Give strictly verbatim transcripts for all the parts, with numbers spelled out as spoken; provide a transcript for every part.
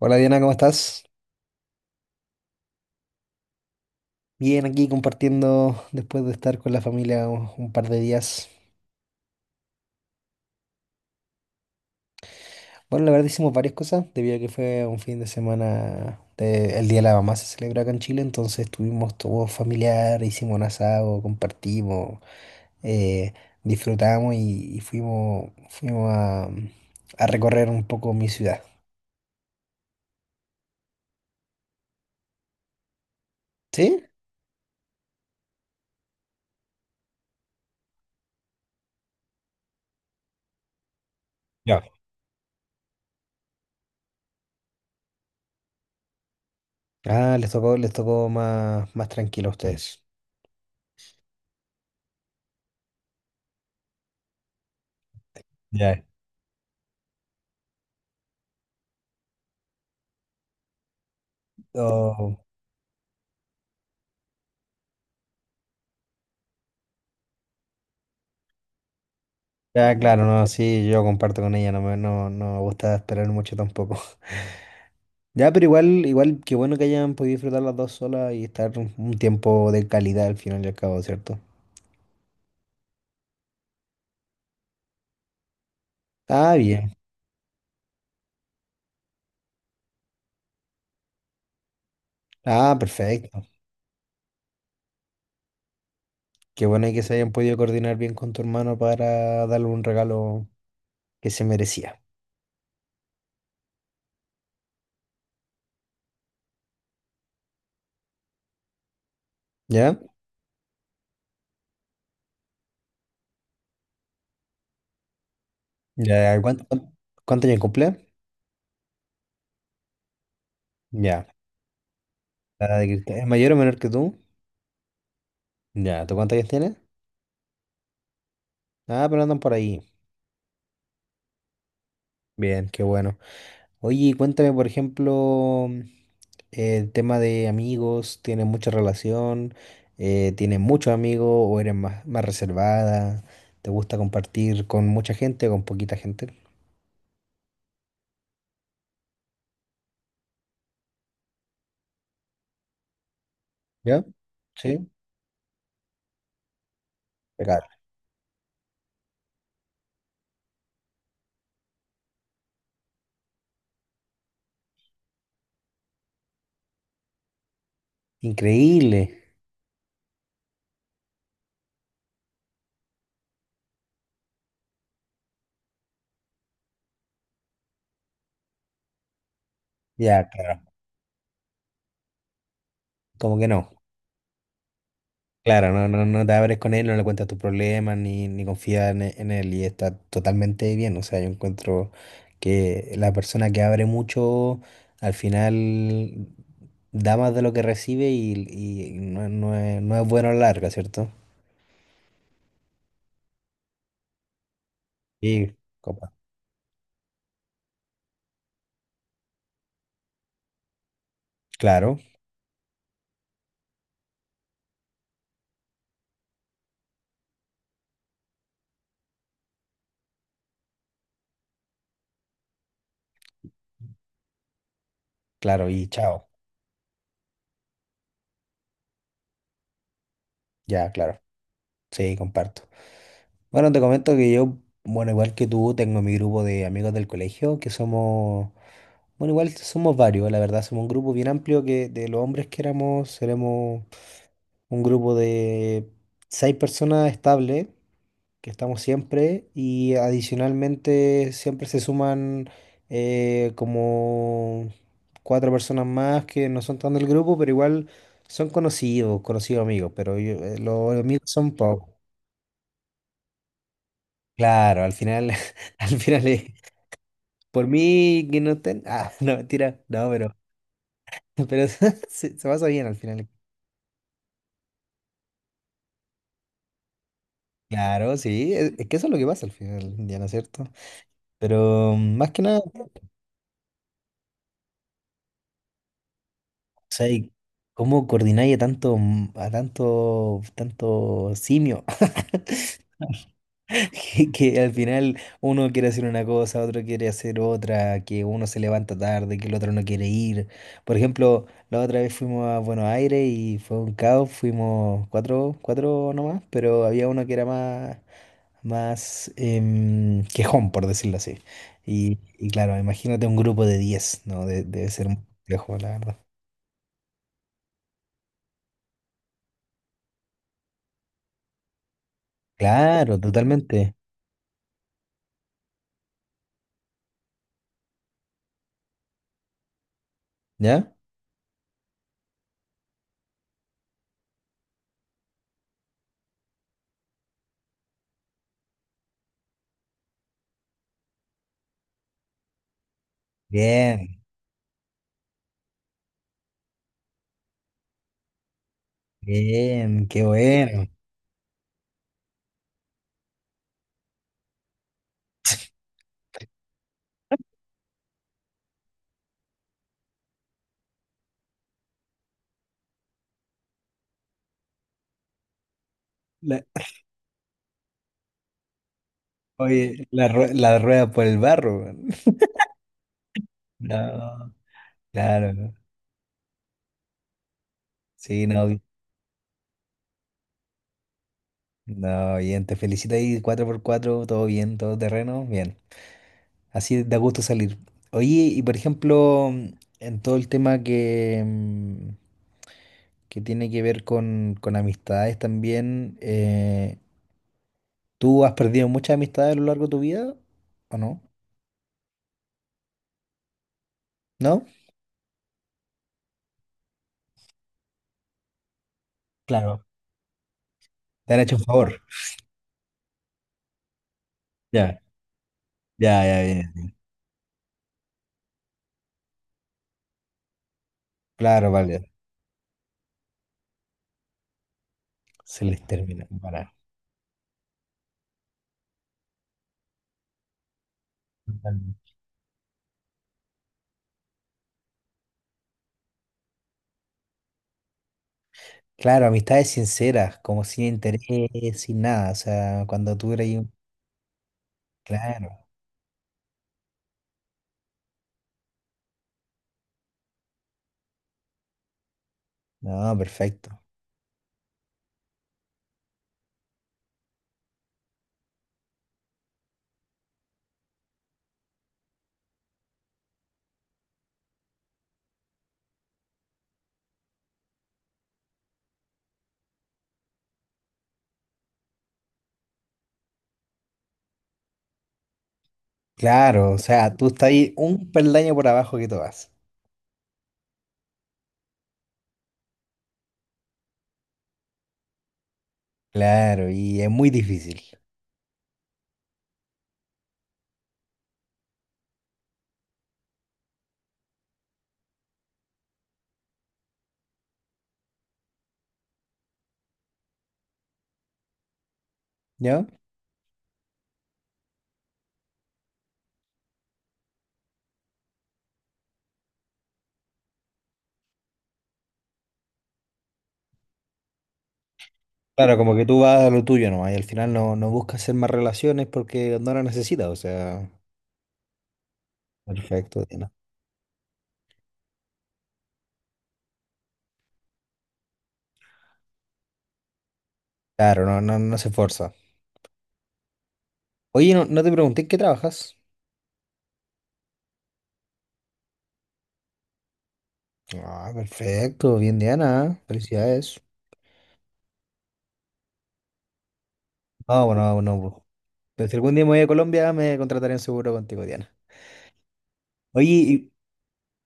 Hola Diana, ¿cómo estás? Bien, aquí compartiendo después de estar con la familia un, un par de días. Bueno, la verdad hicimos varias cosas, debido a que fue un fin de semana, de- el Día de la Mamá se celebra acá en Chile, entonces estuvimos todo familiar, hicimos un asado, compartimos, eh, disfrutamos y, y fuimos, fuimos a, a recorrer un poco mi ciudad. ¿Sí? Ya. Ah, les tocó, les tocó más, más tranquilo a ustedes. Ya. Oh. Ya, claro, no, sí, yo comparto con ella, no me, no, no me gusta esperar mucho tampoco. Ya, pero igual, igual, qué bueno que hayan podido disfrutar las dos solas y estar un un tiempo de calidad al final y al cabo, ¿cierto? Ah, bien. Ah, perfecto. Qué bueno que se hayan podido coordinar bien con tu hermano para darle un regalo que se merecía. ¿Ya? Ya, ¿cuánto, cuánto, ¿cuánto años cumple? Ya. Ah, de que- ¿es mayor o menor que tú? Ya, ¿tú cuántos años tienes? Ah, pero andan por ahí. Bien, qué bueno. Oye, y cuéntame, por ejemplo, el tema de amigos, ¿tienes mucha relación? Eh, ¿tienes muchos amigos o eres más, más reservada? ¿Te gusta compartir con mucha gente o con poquita gente? ¿Ya? Sí. Impecable. Increíble. Ya, claro. Como que no. Claro, no, no, no te abres con él, no le cuentas tus problemas, ni, ni confías en, e- en él, y está totalmente bien. O sea, yo encuentro que la persona que abre mucho, al final da más de lo que recibe y, y no, no es, no es bueno a la larga, ¿cierto? Sí, compa. Claro, claro, y chao. Ya, claro. Sí, comparto. Bueno, te comento que yo, bueno, igual que tú, tengo mi grupo de amigos del colegio, que somos. Bueno, igual somos varios, la verdad, somos un grupo bien amplio que de los hombres que éramos, seremos un grupo de seis personas estables, que estamos siempre, y adicionalmente siempre se suman eh, como cuatro personas más que no son tan del grupo, pero igual son conocidos, conocidos amigos, pero yo- eh, los amigos son pocos. Claro, al final, al final es por mí que no estén, ah, no, mentira, no, pero, pero se se pasa bien al final. Claro, sí, es, es que eso es lo que pasa al final, del día, ¿no es ¿cierto? Pero mm, más que nada, o sea, y ¿cómo coordináis a tanto, mm, a tanto, tanto simio? Que, que al final uno quiere hacer una cosa, otro quiere hacer otra, que uno se levanta tarde, que el otro no quiere ir. Por ejemplo, la otra vez fuimos a Buenos Aires y fue un caos, fuimos cuatro, cuatro nomás, pero había uno que era más. Más em, quejón, por decirlo así. Y, y claro, imagínate un grupo de diez ¿no? De- debe ser muy complejo, la verdad. Claro, totalmente. ¿Ya? Bien, bien, qué bueno. La- Oye, la, rue- la rueda por el barro. Weón. No, claro, ¿no? Sí, no, bi- no, bien, te felicito ahí, cuatro por cuatro todo bien, todo terreno, bien. Así da gusto salir. Oye, y por ejemplo, en todo el tema que, em, que tiene que ver con, con amistades también. Eh, ¿tú has perdido muchas amistades a lo largo de tu vida o no? ¿No? Claro. ¿Te han hecho un favor? Ya, ya, ya, bien. Claro, vale. Se les termina. Para. Totalmente. Claro, amistades sinceras, como sin interés, sin nada. O sea, cuando tú eres un. Claro, no, perfecto. Claro, o sea, tú estás ahí un peldaño por abajo que tú vas. Claro, y es muy difícil. ¿No? Claro, como que tú vas a lo tuyo nomás y al final no, no buscas hacer más relaciones porque no las necesitas, o sea, perfecto, Diana. Claro, no, no, no se esfuerza. Oye, no, no te pregunté en qué trabajas. Ah, perfecto, bien, Diana, ¿eh? Felicidades. Ah, bueno, bueno, pues, pues si algún día me voy a Colombia me contrataré en seguro contigo, Diana. Oye, y,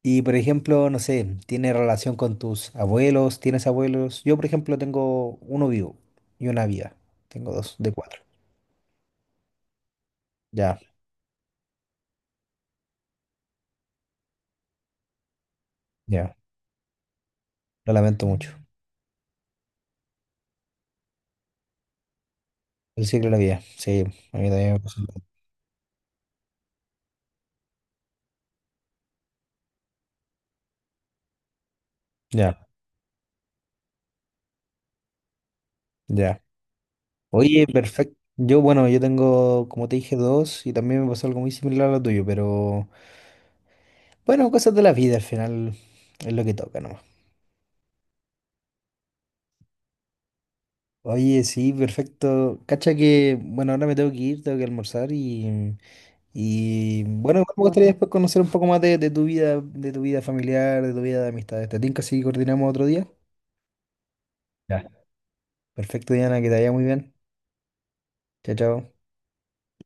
y, por ejemplo, no sé, ¿tiene relación con tus abuelos? ¿Tienes abuelos? Yo, por ejemplo, tengo uno vivo y una viva. Tengo dos de cuatro. Ya, ya, lo lamento mucho. El ciclo de la vida, sí, a mí también me pasó. Ya, ya. Oye, perfecto. Yo, bueno, yo tengo, como te dije, dos y también me pasó algo muy similar a lo tuyo, pero bueno, cosas de la vida al final es lo que toca nomás. Oye, sí, perfecto. Cacha que, bueno, ahora me tengo que ir, tengo que almorzar y, y bueno, igual me gustaría después conocer un poco más de, de tu vida, de tu vida familiar, de tu vida de amistades. ¿Te tinca si coordinamos otro día? Ya. Perfecto, Diana, que te vaya muy bien. Chao, chao.